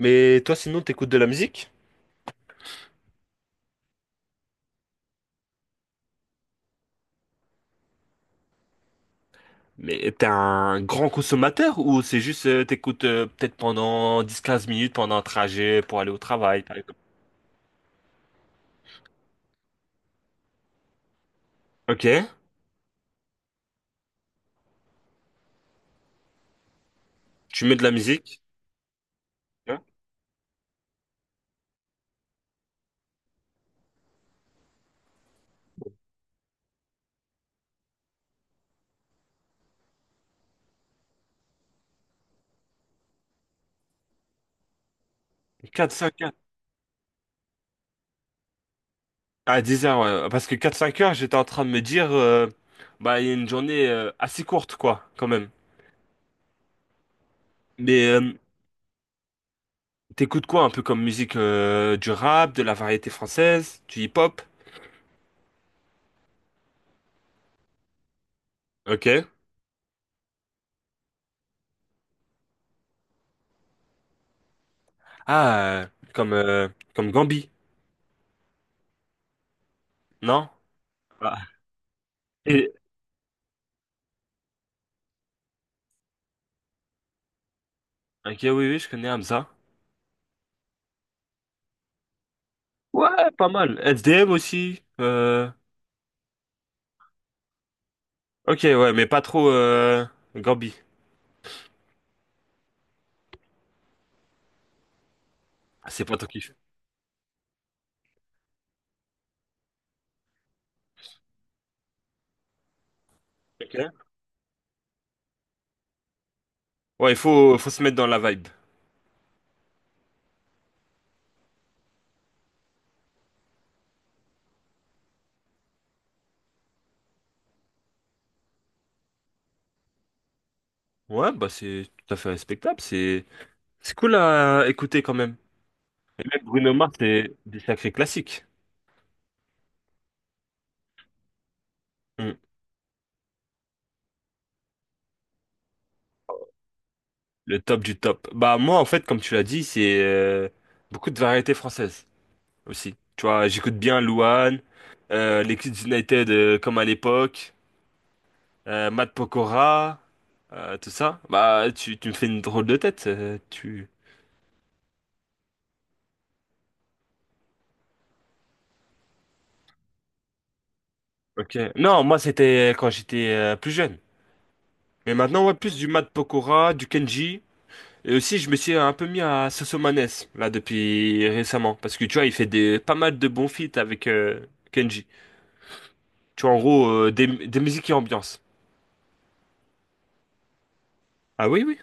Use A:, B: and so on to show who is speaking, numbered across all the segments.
A: Mais toi, sinon, t'écoutes de la musique? Mais t'es un grand consommateur ou c'est juste t'écoutes peut-être pendant 10 15 minutes pendant un trajet pour aller au travail, par exemple? Ok, tu mets de la musique. Hein. 4-5 heures. Ah, 10 heures, ouais. Parce que 4 5 heures, j'étais en train de me dire, bah, il y a une journée assez courte, quoi, quand même. Mais t'écoutes quoi un peu comme musique du rap, de la variété française, du hip-hop? Ok. Ah, euh, comme, comme Gambi, non? Ah. Ok, oui, oui, je connais Hamza. Ouais, pas mal. SDM aussi. Ok, ouais, mais pas trop Gambi. Ah, c'est pas ton kiff. Ok. Ouais, il faut, faut se mettre dans la vibe. Ouais, bah c'est tout à fait respectable. C'est cool à écouter quand même. Et même Bruno Mars, c'est des sacrés classiques. Hmm. Le top du top. Bah moi, en fait, comme tu l'as dit, c'est beaucoup de variétés françaises aussi. Tu vois, j'écoute bien Louane, les Kids United comme à l'époque. Matt Pokora, tout ça. Bah, tu me fais une drôle de tête. Tu. Ok. Non, moi c'était quand j'étais plus jeune. Mais maintenant, ouais, plus du Matt Pokora, du Kenji. Et aussi, je me suis un peu mis à Sosomanes, là, depuis récemment. Parce que tu vois, il fait des, pas mal de bons feats avec Kenji. Tu vois, en gros, des musiques et ambiance. Ah oui, oui.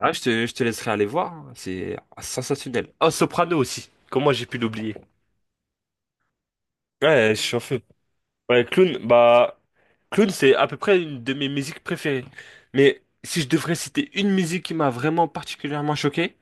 A: Ah, je te laisserai aller voir. Hein. C'est sensationnel. Oh, Soprano aussi. Comment j'ai pu l'oublier? Ouais, je suis en feu. Ouais, Clown, bah, Clown, c'est à peu près une de mes musiques préférées. Mais si je devrais citer une musique qui m'a vraiment particulièrement choqué,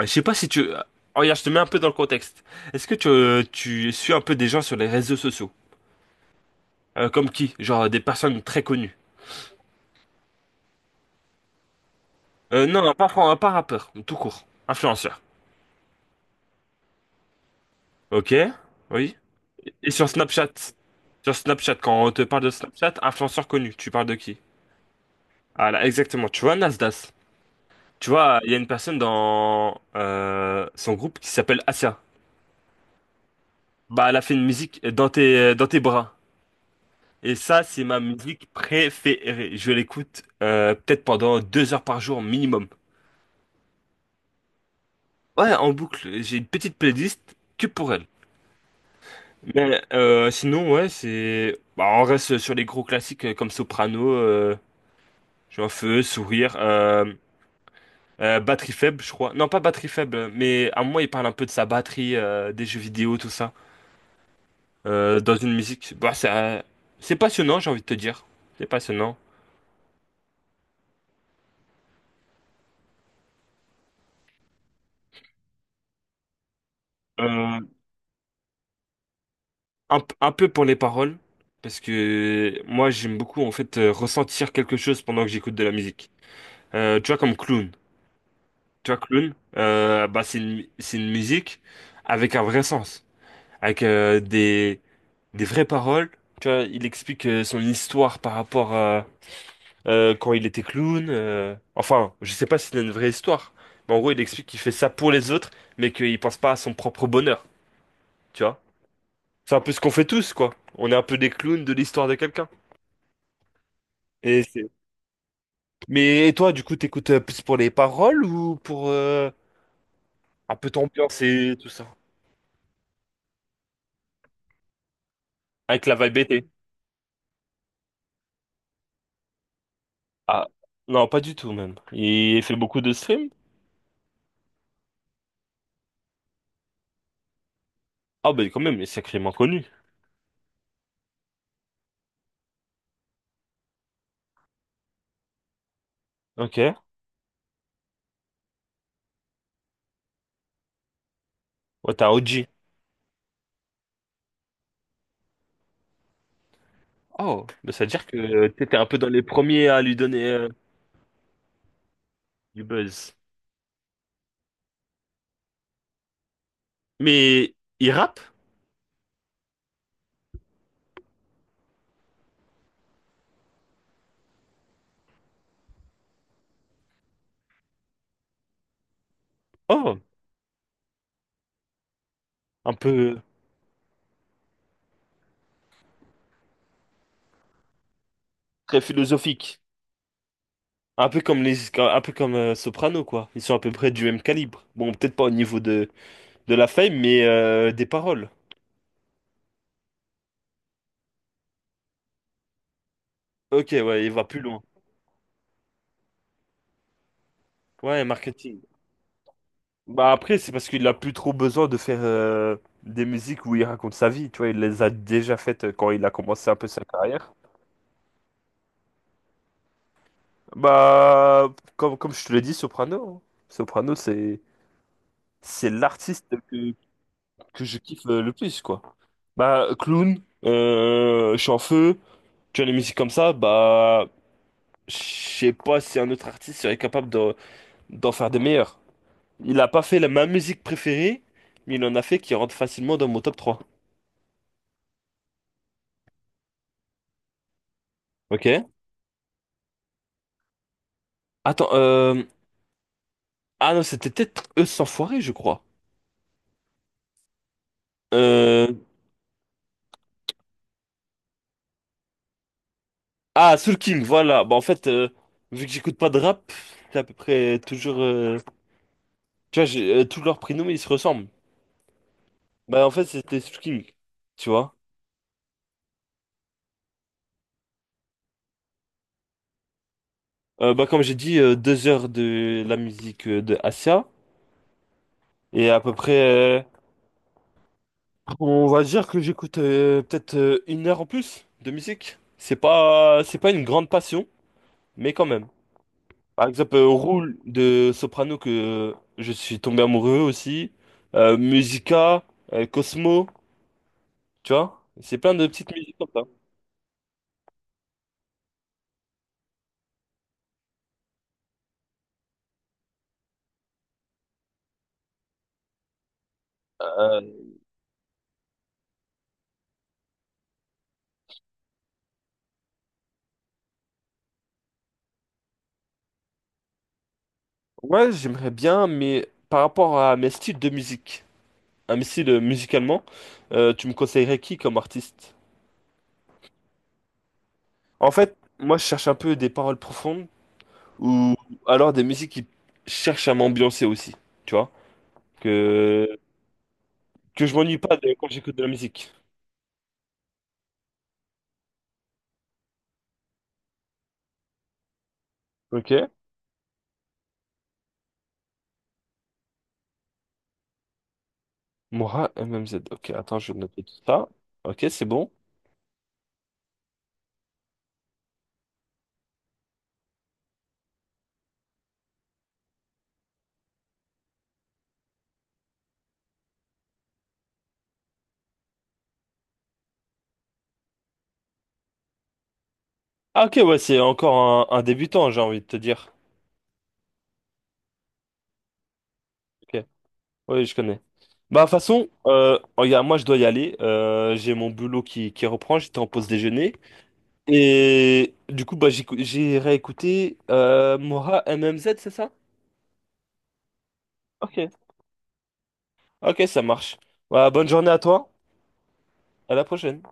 A: je sais pas si tu... Regarde, je te mets un peu dans le contexte. Est-ce que tu suis un peu des gens sur les réseaux sociaux? Comme qui? Genre des personnes très connues. Non, pas rappeur, tout court. Influenceur. Ok, oui. Et sur Snapchat? Sur Snapchat, quand on te parle de Snapchat, influenceur connu, tu parles de qui? Ah là, exactement. Tu vois, Nasdaq. Tu vois, il y a une personne dans son groupe qui s'appelle Asia. Bah, elle a fait une musique dans tes bras. Et ça, c'est ma musique préférée. Je l'écoute peut-être pendant 2 heures par jour minimum. Ouais, en boucle. J'ai une petite playlist que pour elle. Mais sinon, ouais, c'est. Bah, on reste sur les gros classiques comme Soprano, j'ai un feu, Sourire, Batterie faible, je crois. Non, pas Batterie faible, mais à moi, il parle un peu de sa batterie, des jeux vidéo, tout ça. Dans une musique. Bah, c'est passionnant, j'ai envie de te dire. C'est passionnant. Euh, un, un peu pour les paroles, parce que moi j'aime beaucoup en fait ressentir quelque chose pendant que j'écoute de la musique. Tu vois comme Clown. Tu vois Clown, bah c'est une musique avec un vrai sens, avec des vraies paroles. Tu vois, il explique son histoire par rapport quand il était clown. Enfin, je sais pas si c'est une vraie histoire, mais en gros, il explique qu'il fait ça pour les autres, mais qu'il pense pas à son propre bonheur, tu vois. C'est un peu ce qu'on fait tous, quoi. On est un peu des clowns de l'histoire de quelqu'un. Et c'est... Mais et toi, du coup, t'écoutes plus pour les paroles ou pour un peu t'ambiance et tout ça? Avec la vibe été. Ah, non, pas du tout, même. Il fait beaucoup de streams? Ah, bah quand même, il est sacrément connu. Ok. Ouais, t'as OG. Oh, bah, ça veut dire que t'étais un peu dans les premiers à lui donner du buzz. Mais il rappe? Oh, un peu très philosophique. Un peu comme les, un peu comme Soprano, quoi. Ils sont à peu près du même calibre. Bon, peut-être pas au niveau de la fame, mais des paroles. Ok, ouais, il va plus loin. Ouais, marketing. Bah après, c'est parce qu'il a plus trop besoin de faire des musiques où il raconte sa vie. Tu vois, il les a déjà faites quand il a commencé un peu sa carrière. Bah, comme, comme je te l'ai dit, Soprano. Hein. Soprano, c'est l'artiste que je kiffe le plus, quoi. Bah, clown, je suis en feu, tu as les musiques comme ça, bah, je sais pas si un autre artiste serait capable de- d'en faire des meilleurs. Il a pas fait la, ma musique préférée, mais il en a fait qui rentre facilement dans mon top 3. Ok. Attends, ah non, c'était peut-être Eux sans foirer, je crois. Euh... Ah, Soul King, voilà. Bah, en fait, vu que j'écoute pas de rap, c'est à peu près toujours... Tu vois, tous leurs prénoms, ils se ressemblent. Bah, en fait, c'était Soul King, tu vois. Bah, comme j'ai dit, 2 heures de la musique de Asia. Et à peu près, on va dire que j'écoute peut-être 1 heure en plus de musique. C'est pas une grande passion, mais quand même. Par exemple, Roule de Soprano, que euh, je suis tombé amoureux aussi. Musica, Cosmo, tu vois. C'est plein de petites musiques comme ça. Euh, ouais, j'aimerais bien, mais par rapport à mes styles de musique, à mes styles musicalement, tu me conseillerais qui comme artiste? En fait, moi, je cherche un peu des paroles profondes ou alors des musiques qui cherchent à m'ambiancer aussi, tu vois? Que, que je m'ennuie pas de- quand j'écoute de la musique. Ok. Moira M M Z. Ok, attends, je vais noter tout ça. Ok, c'est bon. Ah, ok, ouais, c'est encore un débutant, j'ai envie de te dire. Ok, oui, je connais. Bah, de toute façon, regarde, moi, je dois y aller. J'ai mon boulot qui reprend, j'étais en pause déjeuner. Et du coup, bah, j'ai réécouté Moira MMZ. C'est ça? Ok. Ok, ça marche. Bah, bonne journée à toi. À la prochaine.